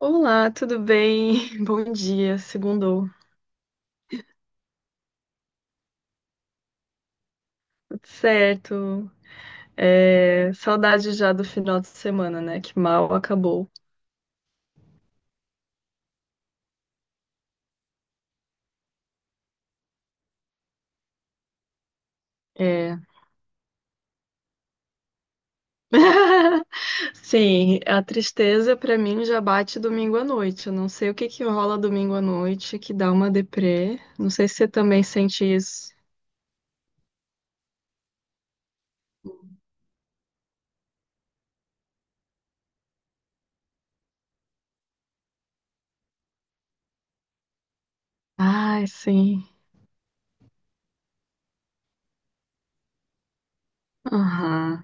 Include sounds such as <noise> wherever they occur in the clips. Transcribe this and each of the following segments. Olá, tudo bem? <laughs> Bom dia, segundou. Tudo certo. É, saudade já do final de semana, né? Que mal acabou. É. <laughs> Sim, a tristeza pra mim já bate domingo à noite. Eu não sei o que que rola domingo à noite que dá uma deprê. Não sei se você também sente isso. Ai, sim. Aham.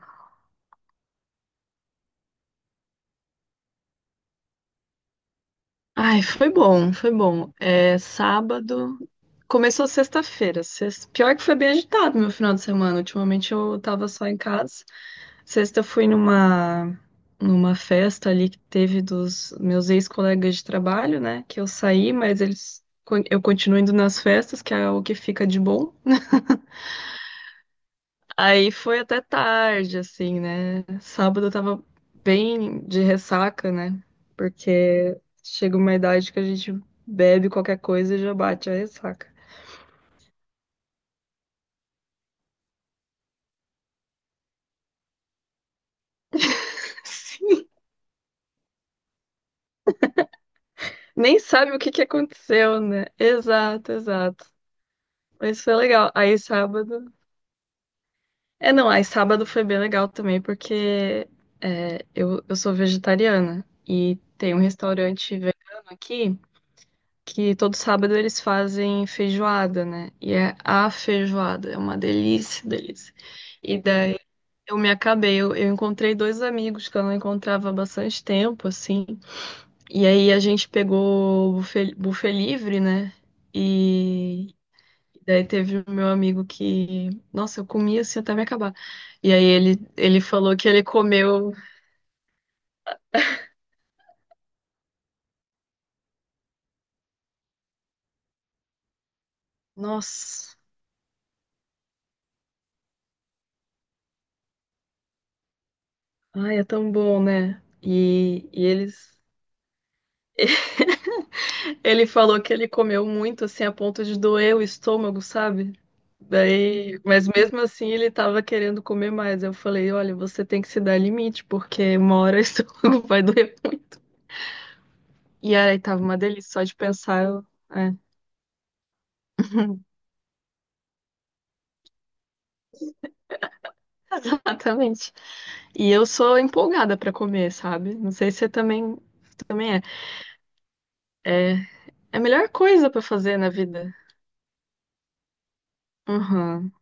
Ai, foi bom, foi bom. É, sábado. Começou sexta-feira. Pior que foi bem agitado meu final de semana. Ultimamente eu tava só em casa. Sexta eu fui numa, numa festa ali que teve dos meus ex-colegas de trabalho, né? Que eu saí, mas eu continuo indo nas festas, que é o que fica de bom. Aí foi até tarde, assim, né? Sábado eu tava bem de ressaca, né? Porque chega uma idade que a gente bebe qualquer coisa e já bate a ressaca. <laughs> Nem sabe o que que aconteceu, né? Exato, exato. Mas foi legal. Aí sábado. É, não, aí sábado foi bem legal também, porque é, eu sou vegetariana e tem um restaurante vegano aqui que todo sábado eles fazem feijoada, né? E é a feijoada, é uma delícia, delícia. E daí eu me acabei, eu encontrei dois amigos que eu não encontrava há bastante tempo, assim. E aí a gente pegou o buffet livre, né? E daí teve o meu amigo que, nossa, eu comia assim até me acabar. E aí ele falou que ele comeu, nossa, ai, é tão bom, né? E eles, ele falou que ele comeu muito assim a ponto de doer o estômago, sabe? Daí, mas mesmo assim ele tava querendo comer mais. Eu falei, olha, você tem que se dar limite, porque uma hora o estômago <laughs> vai doer. E aí tava uma delícia só de pensar. <laughs> Exatamente. E eu sou empolgada pra comer, sabe? Não sei se você também, também é. É a melhor coisa pra fazer na vida. Uhum.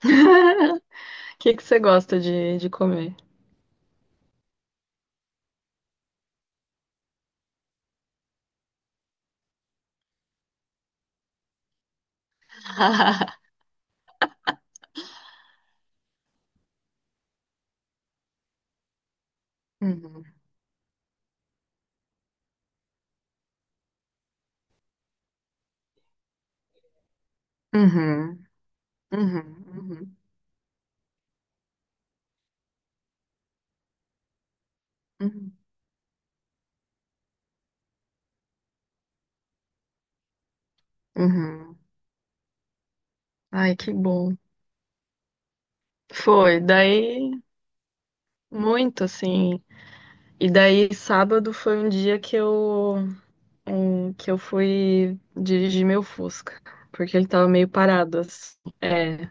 <laughs> O que que você gosta de comer? <laughs> Uhum. Uhum. Uhum. Uhum. Uhum. Uhum. Ai, que bom. Foi. Daí, muito assim. E daí, sábado foi um dia que eu fui dirigir meu Fusca, porque ele tava meio parado, assim. É,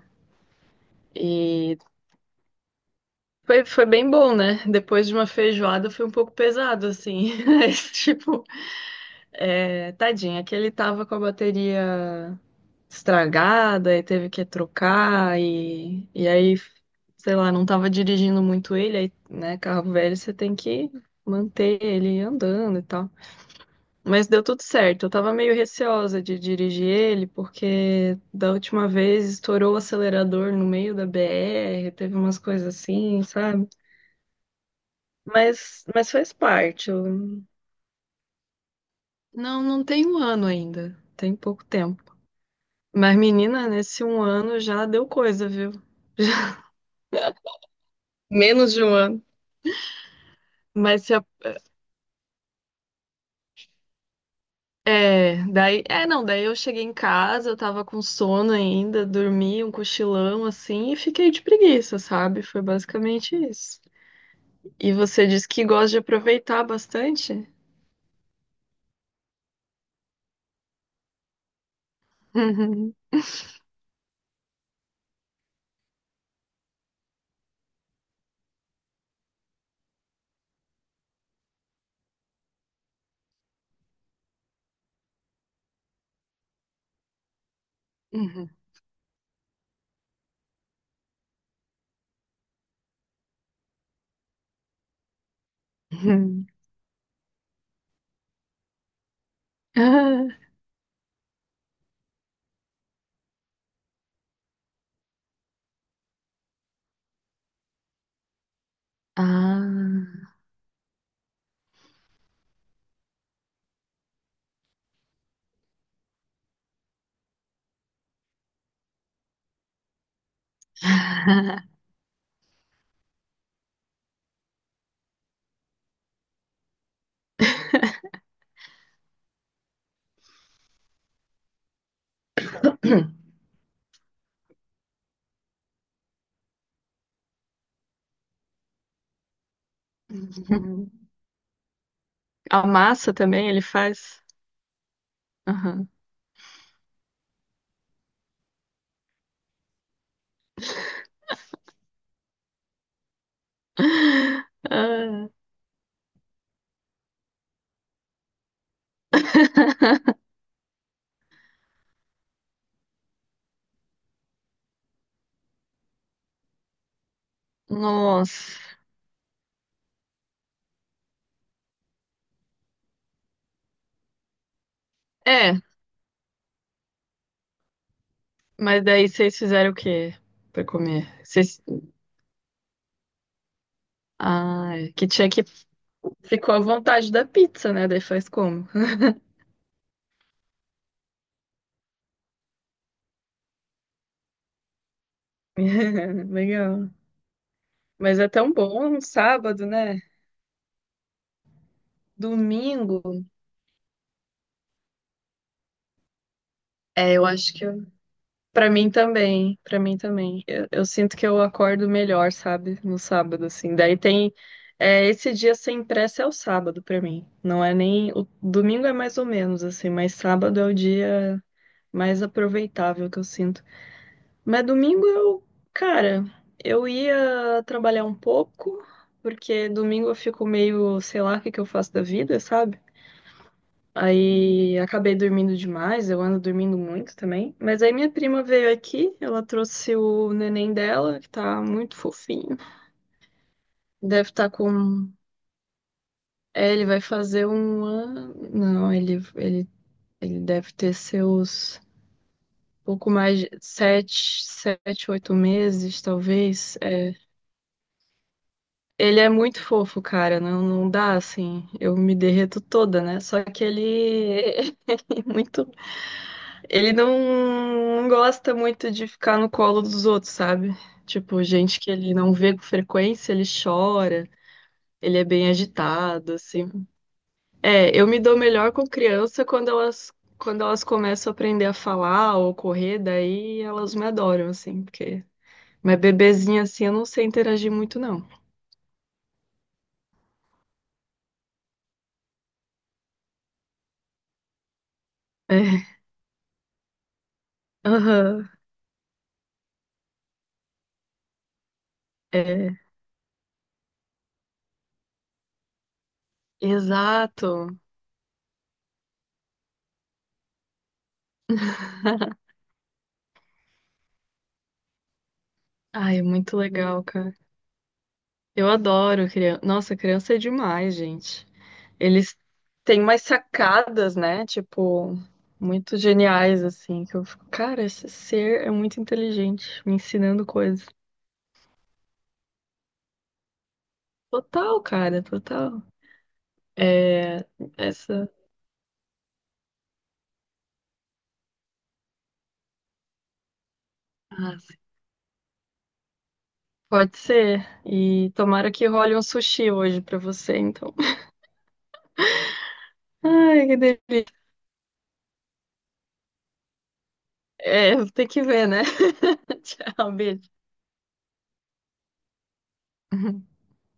e foi, foi bem bom, né? Depois de uma feijoada foi um pouco pesado, assim. <laughs> Mas, tipo, é, tadinho, é que ele tava com a bateria estragada e teve que trocar, sei lá, não tava dirigindo muito ele, aí, né? Carro velho, você tem que manter ele andando e tal. Mas deu tudo certo. Eu tava meio receosa de dirigir ele, porque da última vez estourou o acelerador no meio da BR, teve umas coisas assim, sabe? Mas faz parte. Não, não tem 1 ano ainda, tem pouco tempo. Mas, menina, nesse 1 ano já deu coisa, viu? Menos de 1 ano. Mas se a- é, daí, é, não, daí eu cheguei em casa, eu tava com sono ainda, dormi um cochilão assim e fiquei de preguiça, sabe? Foi basicamente isso. E você diz que gosta de aproveitar bastante? <laughs> Uhum, uhum, uhum. Ah. <laughs> ah. Uhum. A massa também ele faz? Aham. Ah, nossa. É, mas daí vocês fizeram o quê pra comer? Vocês... Ah, é que tinha que... Ficou à vontade da pizza, né? Daí faz como? <laughs> Legal. Mas é tão bom um sábado, né? Domingo. É, eu acho que eu Pra mim também, pra mim também. Eu sinto que eu acordo melhor, sabe? No sábado, assim. Daí tem. É, esse dia sem pressa é o sábado pra mim. Não é nem. O domingo é mais ou menos, assim, mas sábado é o dia mais aproveitável que eu sinto. Mas domingo eu. Cara, eu ia trabalhar um pouco, porque domingo eu fico meio, sei lá, o que que eu faço da vida, sabe? Aí acabei dormindo demais, eu ando dormindo muito também. Mas aí minha prima veio aqui, ela trouxe o neném dela, que tá muito fofinho. Deve estar com. É, ele vai fazer 1 ano. Não, ele deve ter seus pouco mais de oito meses, talvez. É. Ele é muito fofo, cara. Não, não dá assim. Eu me derreto toda, né? Só que ele <laughs> é muito. Ele não gosta muito de ficar no colo dos outros, sabe? Tipo, gente que ele não vê com frequência, ele chora, ele é bem agitado, assim. É, eu me dou melhor com criança quando elas começam a aprender a falar ou correr, daí elas me adoram, assim, porque. Mas bebezinha assim, eu não sei interagir muito, não. É, <laughs> aham, é, exato. Ai, é muito legal, cara. Eu adoro criança. Nossa, criança é demais, gente. Eles têm umas sacadas, né? Tipo, muito geniais, assim, que eu fico, cara, esse ser é muito inteligente, me ensinando coisas. Total, cara, total. É, essa. Ah, sim. pode ser. E tomara que role um sushi hoje pra você, então. <laughs> Ai, que delícia. É, tem que ver, né? <laughs> Tchau, beijo.